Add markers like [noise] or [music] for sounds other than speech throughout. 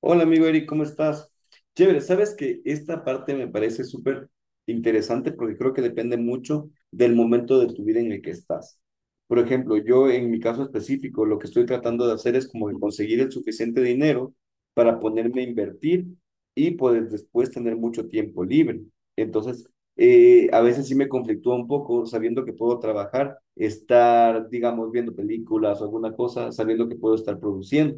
Hola amigo Eric, ¿cómo estás? Chévere, sabes que esta parte me parece súper interesante porque creo que depende mucho del momento de tu vida en el que estás. Por ejemplo, yo en mi caso específico, lo que estoy tratando de hacer es como que conseguir el suficiente dinero para ponerme a invertir y poder después tener mucho tiempo libre. Entonces, a veces sí me conflictúa un poco sabiendo que puedo trabajar, estar, digamos, viendo películas o alguna cosa, sabiendo que puedo estar produciendo.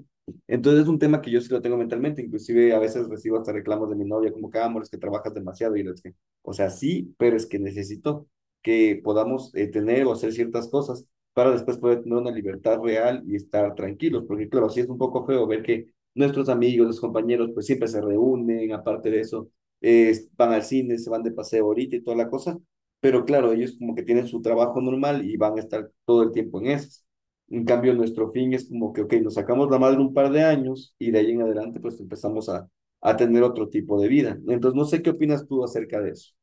Entonces es un tema que yo sí lo tengo mentalmente, inclusive a veces recibo hasta reclamos de mi novia como que, ah, amor, es que trabajas demasiado y yo, es que, o sea, sí, pero es que necesito que podamos tener o hacer ciertas cosas para después poder tener una libertad real y estar tranquilos, porque claro, sí es un poco feo ver que nuestros amigos, los compañeros, pues siempre se reúnen, aparte de eso, van al cine, se van de paseo ahorita y toda la cosa, pero claro, ellos como que tienen su trabajo normal y van a estar todo el tiempo en eso. En cambio, nuestro fin es como que, ok, nos sacamos la madre un par de años y de ahí en adelante pues empezamos a tener otro tipo de vida. Entonces, no sé qué opinas tú acerca de eso.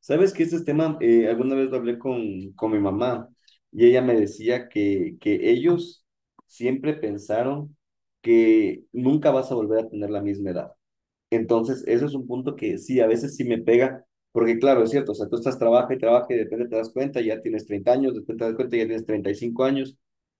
Sabes que este tema, alguna vez lo hablé con mi mamá y ella me decía que ellos siempre pensaron que nunca vas a volver a tener la misma edad. Entonces, eso es un punto que sí, a veces sí me pega, porque claro, es cierto, o sea, tú estás trabaja y trabaja y de repente te das cuenta, ya tienes 30 años, después te das cuenta, ya tienes 35 años,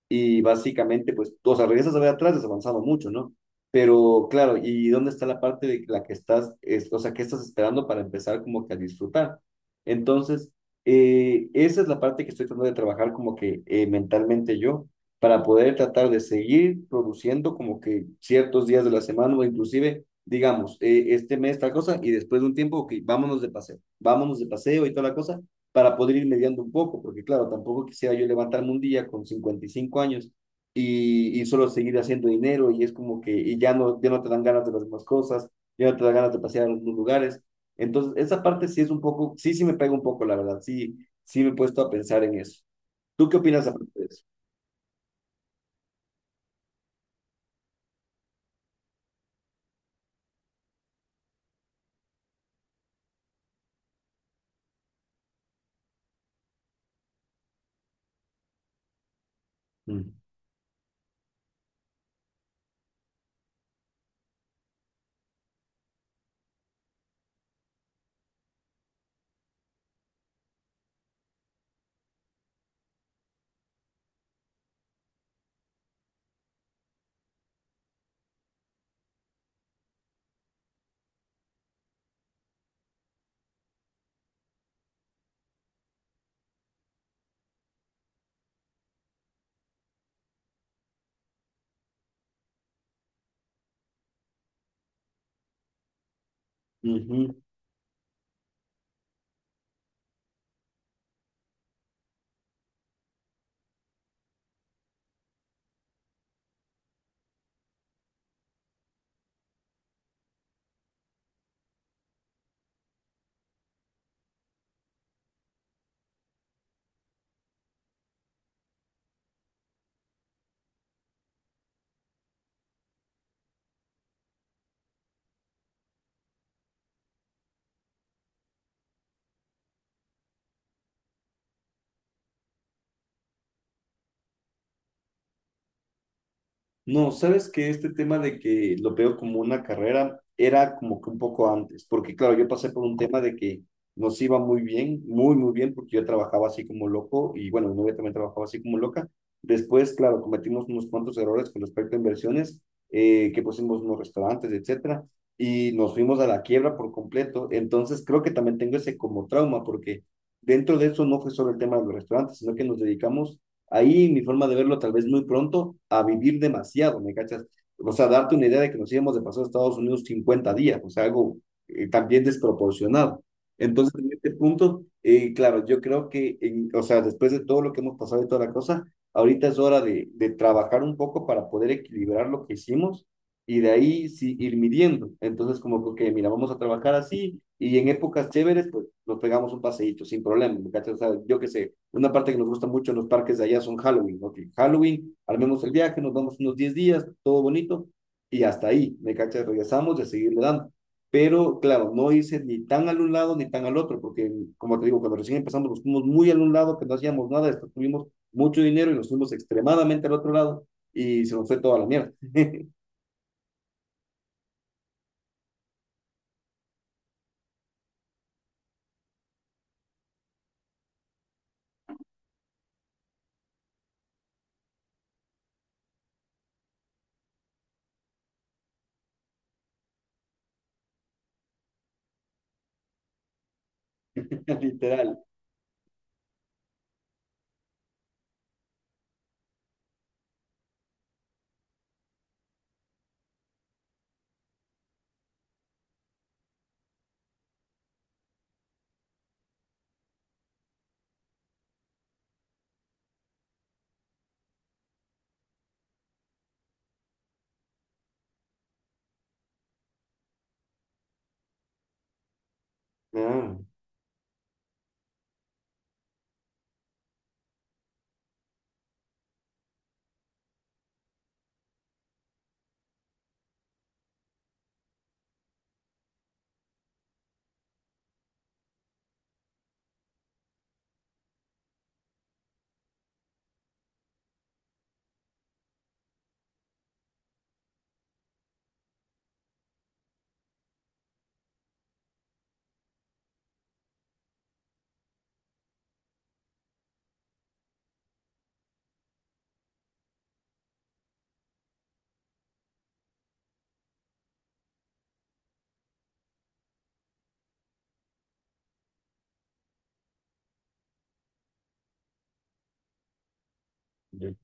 y básicamente, pues, tú, o sea, regresas a ver atrás, has avanzado mucho, ¿no? Pero claro, ¿y dónde está la parte de la que estás, o sea, qué estás esperando para empezar como que a disfrutar? Entonces, esa es la parte que estoy tratando de trabajar como que mentalmente yo, para poder tratar de seguir produciendo como que ciertos días de la semana o inclusive digamos, este mes tal cosa y después de un tiempo, ok, vámonos de paseo y toda la cosa para poder ir mediando un poco, porque claro, tampoco quisiera yo levantarme un día con 55 años y solo seguir haciendo dinero y es como que y ya no, ya no te dan ganas de las demás cosas, ya no te dan ganas de pasear a algunos lugares. Entonces, esa parte sí es un poco, sí, sí me pega un poco, la verdad, sí, sí me he puesto a pensar en eso. ¿Tú qué opinas a de eso? Mm. Ujú. No, sabes que este tema de que lo veo como una carrera era como que un poco antes, porque claro, yo pasé por un tema de que nos iba muy bien, muy, muy bien, porque yo trabajaba así como loco y bueno, mi novia también trabajaba así como loca. Después, claro, cometimos unos cuantos errores con respecto a inversiones, que pusimos unos restaurantes, etcétera, y nos fuimos a la quiebra por completo. Entonces, creo que también tengo ese como trauma, porque dentro de eso no fue solo el tema de los restaurantes, sino que nos dedicamos ahí mi forma de verlo tal vez muy pronto, a vivir demasiado, ¿me cachas? O sea, darte una idea de que nos íbamos de paso a Estados Unidos 50 días, o sea, algo también desproporcionado. Entonces, en este punto, claro, yo creo que, o sea, después de todo lo que hemos pasado y toda la cosa, ahorita es hora de trabajar un poco para poder equilibrar lo que hicimos y de ahí sí ir midiendo. Entonces, como que, ok, mira, vamos a trabajar así y en épocas chéveres, pues nos pegamos un paseíto sin problema, ¿me cachas? O sea, yo qué sé, una parte que nos gusta mucho en los parques de allá son Halloween, ¿no? Que Halloween, armemos el viaje, nos vamos unos 10 días, todo bonito, y hasta ahí, ¿me cachas? Regresamos y a seguirle dando. Pero claro, no hice ni tan al un lado ni tan al otro, porque como te digo, cuando recién empezamos nos fuimos muy al un lado, que no hacíamos nada, después tuvimos mucho dinero y nos fuimos extremadamente al otro lado y se nos fue toda la mierda, [laughs] literal. Ah, ya.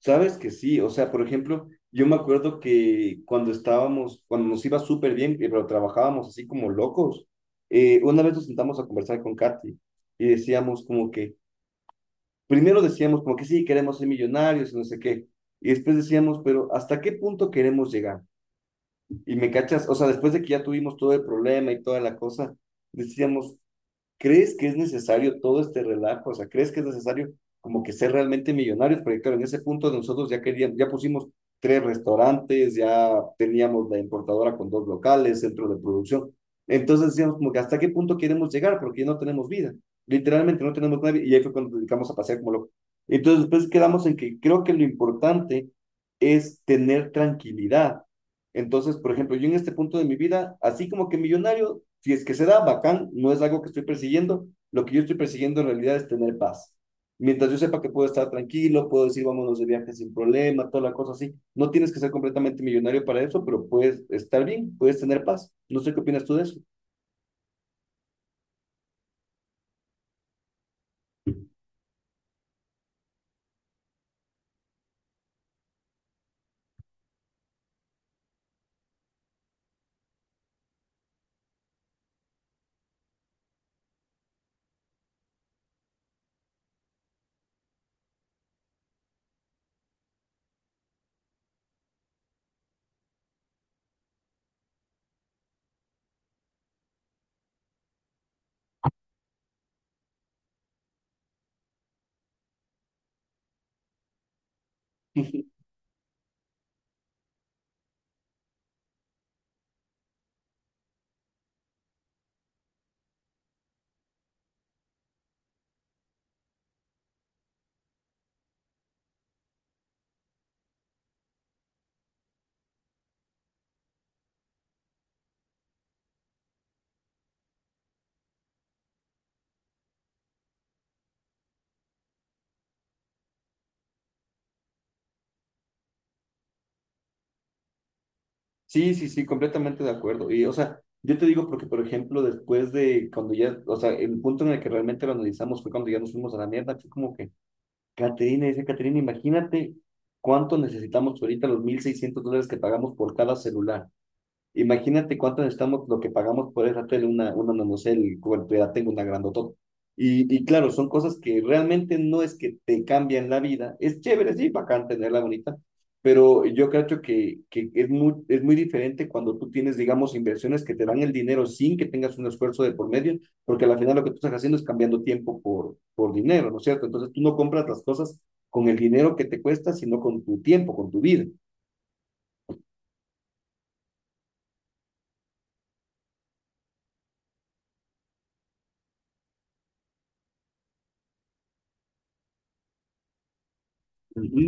Sabes que sí, o sea, por ejemplo, yo me acuerdo que cuando estábamos, cuando nos iba súper bien, pero trabajábamos así como locos, una vez nos sentamos a conversar con Katy y decíamos como que, primero decíamos como que sí, queremos ser millonarios y no sé qué, y después decíamos, pero ¿hasta qué punto queremos llegar? Y me cachas, o sea, después de que ya tuvimos todo el problema y toda la cosa, decíamos, ¿crees que es necesario todo este relajo? O sea, ¿crees que es necesario como que ser realmente millonarios? Porque claro, en ese punto nosotros ya queríamos, ya pusimos tres restaurantes, ya teníamos la importadora con dos locales, centro de producción. Entonces decíamos como que hasta qué punto queremos llegar, porque ya no tenemos vida. Literalmente no tenemos nadie y ahí fue cuando nos dedicamos a pasear como locos. Entonces después quedamos en que creo que lo importante es tener tranquilidad entonces, por ejemplo, yo en este punto de mi vida, así como que millonario, si es que se da, bacán, no es algo que estoy persiguiendo, lo que yo estoy persiguiendo en realidad es tener paz. Mientras yo sepa que puedo estar tranquilo, puedo decir vámonos de viaje sin problema, toda la cosa así. No tienes que ser completamente millonario para eso, pero puedes estar bien, puedes tener paz. No sé qué opinas tú de eso. [laughs] Sí, sí, sí, completamente de acuerdo. Y, o sea, yo te digo porque, por ejemplo, después de cuando ya, o sea, el punto en el que realmente lo analizamos fue cuando ya nos fuimos a la mierda, fue como que Caterina, dice Caterina, imagínate cuánto necesitamos ahorita los $1.600 que pagamos por cada celular. Imagínate cuánto necesitamos lo que pagamos por esa tele, una nanocell, bueno, yo ya tengo una grandotota. Y claro, son cosas que realmente no es que te cambian la vida. Es chévere, sí, bacán tenerla bonita, pero yo creo que es muy diferente cuando tú tienes, digamos, inversiones que te dan el dinero sin que tengas un esfuerzo de por medio, porque al final lo que tú estás haciendo es cambiando tiempo por dinero, ¿no es cierto? Entonces tú no compras las cosas con el dinero que te cuesta, sino con tu tiempo, con tu vida. Ujú.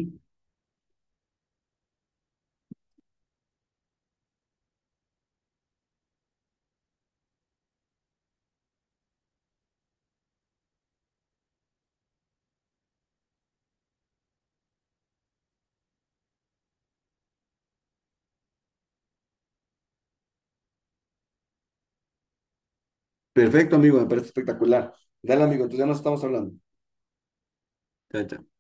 Perfecto, amigo, me parece espectacular. Dale, amigo, entonces ya nos estamos hablando. Chao, chao.